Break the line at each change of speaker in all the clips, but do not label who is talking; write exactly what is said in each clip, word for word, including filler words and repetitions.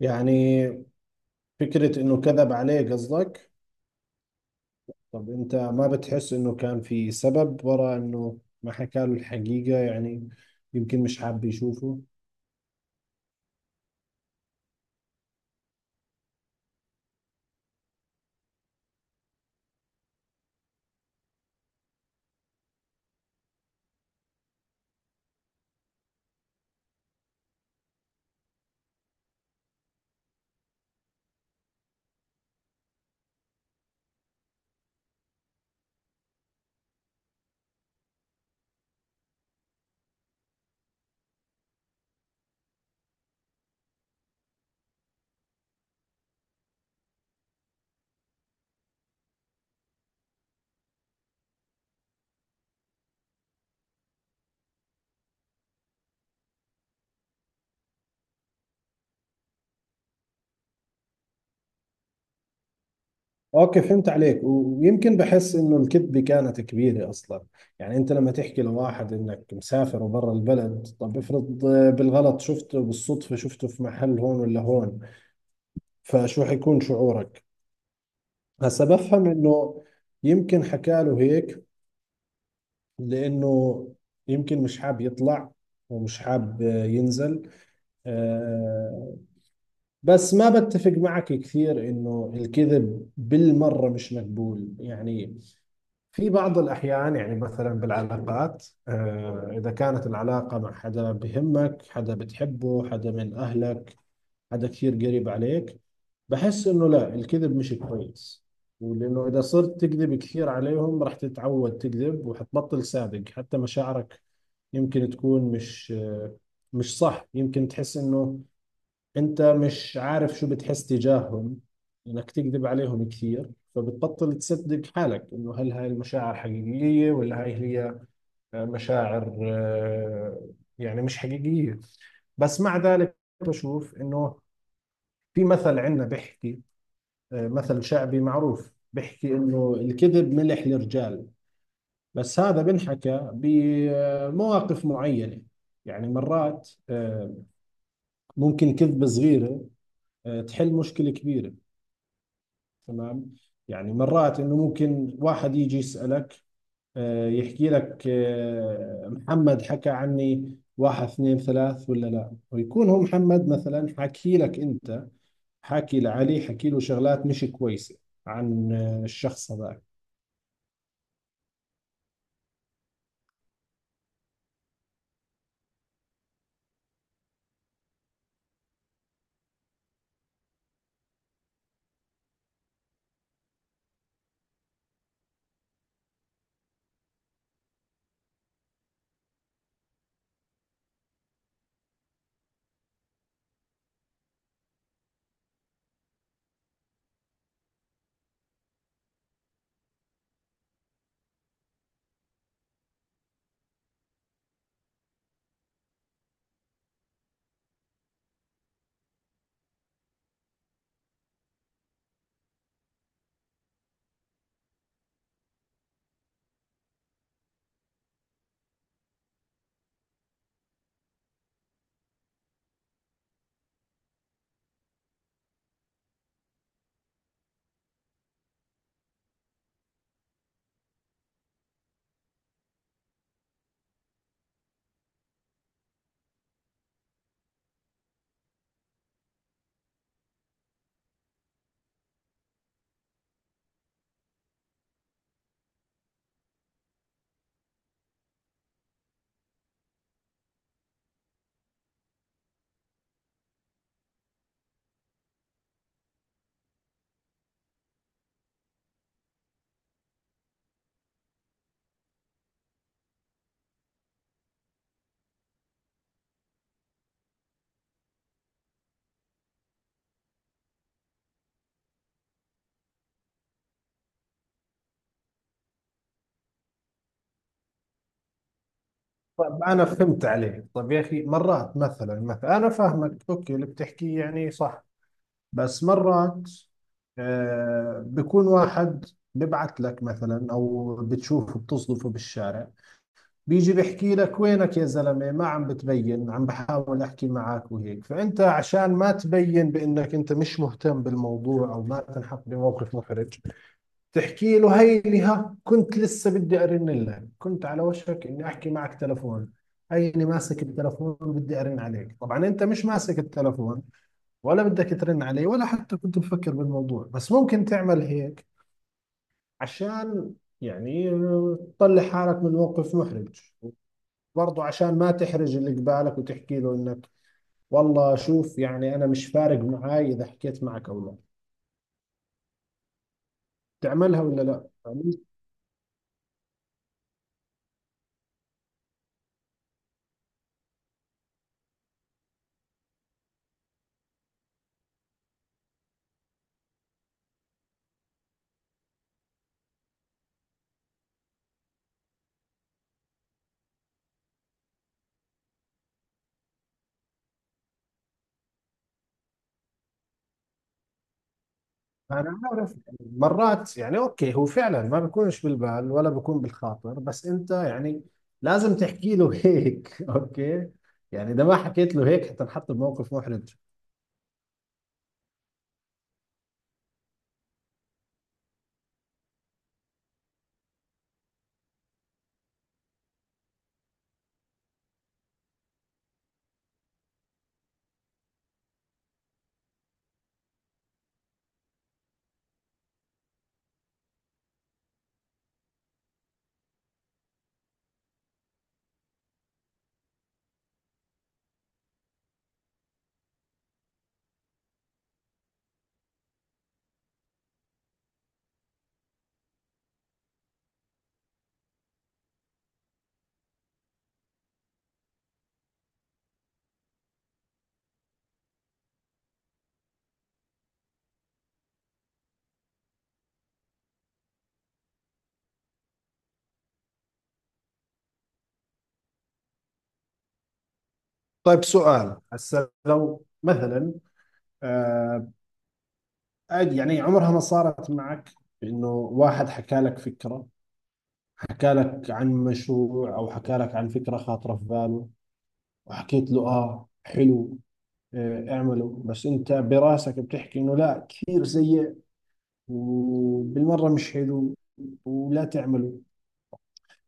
يعني فكرة إنه كذب عليه قصدك؟ طب أنت ما بتحس إنه كان في سبب وراء إنه ما حكى له الحقيقة؟ يعني يمكن مش حاب يشوفه. أوكي، فهمت عليك، و- ويمكن بحس إنه الكذبة كانت كبيرة أصلا. يعني أنت لما تحكي لواحد إنك مسافر وبرا البلد، طب افرض آه، بالغلط شفته، بالصدفة شفته في محل هون ولا هون، فشو حيكون شعورك؟ هسا بفهم إنه يمكن حكى له هيك لأنه يمكن مش حاب يطلع ومش حاب ينزل. آه، بس ما بتفق معك كثير إنه الكذب بالمرة مش مقبول، يعني في بعض الأحيان، يعني مثلا بالعلاقات، آه، إذا كانت العلاقة مع حدا بهمك، حدا بتحبه، حدا من أهلك، حدا كثير قريب عليك، بحس إنه لا، الكذب مش كويس. ولأنه إذا صرت تكذب كثير عليهم راح تتعود تكذب وحتبطل صادق، حتى مشاعرك يمكن تكون مش مش صح، يمكن تحس انه انت مش عارف شو بتحس تجاههم، انك تكذب عليهم كثير فبتبطل تصدق حالك، انه هل هاي المشاعر حقيقية ولا هاي هي مشاعر، آه، يعني مش حقيقية. بس مع ذلك بشوف انه في مثل عندنا بيحكي، آه، مثل شعبي معروف بيحكي انه الكذب ملح للرجال، بس هذا بنحكى بمواقف معينة. يعني مرات آه، ممكن كذبة صغيرة آه، تحل مشكلة كبيرة، تمام. يعني مرات انه ممكن واحد يجي يسألك، آه، يحكي لك، آه، محمد حكى عني واحد اثنين ثلاث ولا لا، ويكون هو محمد مثلا حكي لك انت، حكي لعلي، حكي له شغلات مش كويسة عن آه، الشخص هذاك. طب انا فهمت عليك. طب يا اخي، مرات مثلا مثلا انا فاهمك، اوكي اللي بتحكيه يعني صح، بس مرات آه، بكون واحد ببعت لك مثلا او بتشوفه بتصدفه بالشارع، بيجي بيحكي لك وينك يا زلمة، ما عم بتبين، عم بحاول احكي معك وهيك، فانت عشان ما تبين بانك انت مش مهتم بالموضوع او ما تنحط بموقف محرج، تحكي له هيني، ها كنت لسه بدي ارن لك، كنت على وشك اني احكي معك تلفون، هيني ماسك التلفون وبدي ارن عليك. طبعا انت مش ماسك التلفون ولا بدك ترن علي ولا حتى كنت مفكر بالموضوع، بس ممكن تعمل هيك عشان، يعني، تطلع حالك من موقف محرج، وبرضه عشان ما تحرج اللي قبالك وتحكي له انك، والله شوف يعني انا مش فارق معاي اذا حكيت معك او لا. تعملها ولا لا يعني؟ انا عارف، مرات يعني اوكي هو فعلا ما بيكونش بالبال ولا بيكون بالخاطر، بس انت يعني لازم تحكي له هيك، اوكي، يعني اذا ما حكيت له هيك حتنحط بموقف محرج. طيب سؤال هسه، لو مثلا آه عادي، يعني عمرها ما صارت معك انه واحد حكى لك فكرة، حكى لك عن مشروع او حكى لك عن فكرة خاطرة في باله، وحكيت له اه حلو، آه اعمله، بس انت براسك بتحكي انه لا، كثير سيء وبالمرة مش حلو، ولا تعمله،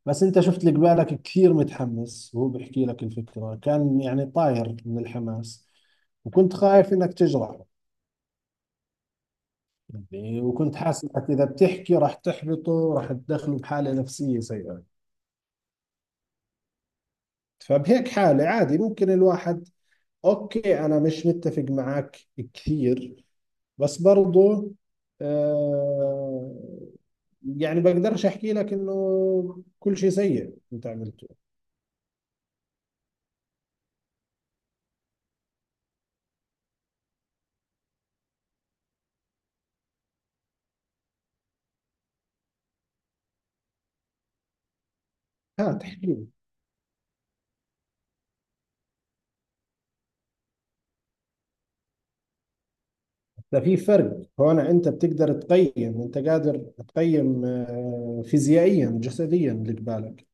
بس انت شفت اللي قبالك كثير متحمس وهو بيحكي لك الفكرة كان يعني طاير من الحماس، وكنت خايف انك تجرحه، يعني وكنت حاسس انك اذا بتحكي راح تحبطه، راح تدخله بحاله نفسيه سيئه، فبهيك حاله عادي ممكن الواحد، اوكي انا مش متفق معك كثير بس برضو، آه يعني بقدرش احكي لك انه كل شيء سيء انت عملته. ها، تحكي لي. ده في فرق هون، انت بتقدر تقيم، انت قادر تقيم آه فيزيائيا جسديا اللي قبالك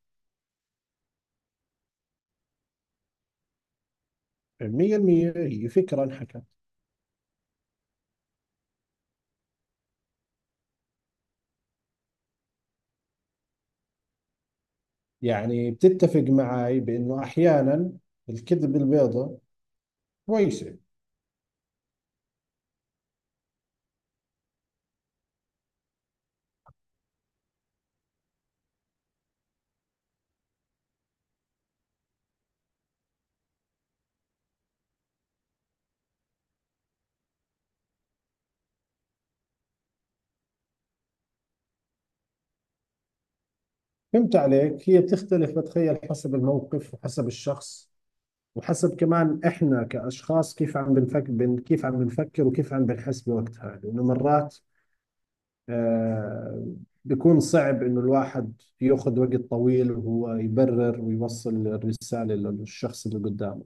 مية بالمية، هي فكره انحكى. يعني بتتفق معي بأنه أحيانا الكذب البيضة كويسة؟ فهمت عليك، هي بتختلف بتخيل حسب الموقف وحسب الشخص وحسب كمان إحنا كأشخاص كيف عم بنفكر، بن كيف عم بنفكر وكيف عم بنحس بوقتها، لأنه مرات آه بيكون صعب إنه الواحد يأخذ وقت طويل وهو يبرر ويوصل الرسالة للشخص اللي قدامه.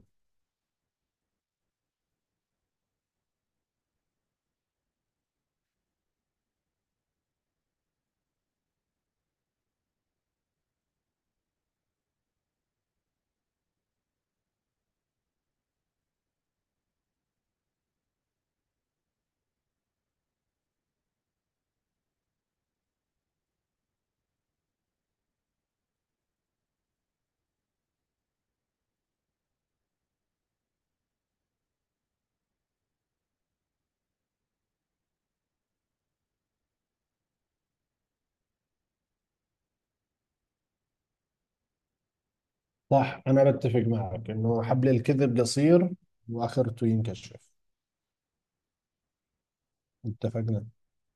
صح، أنا بتفق معك إنه حبل الكذب قصير، وآخرته ينكشف. اتفقنا.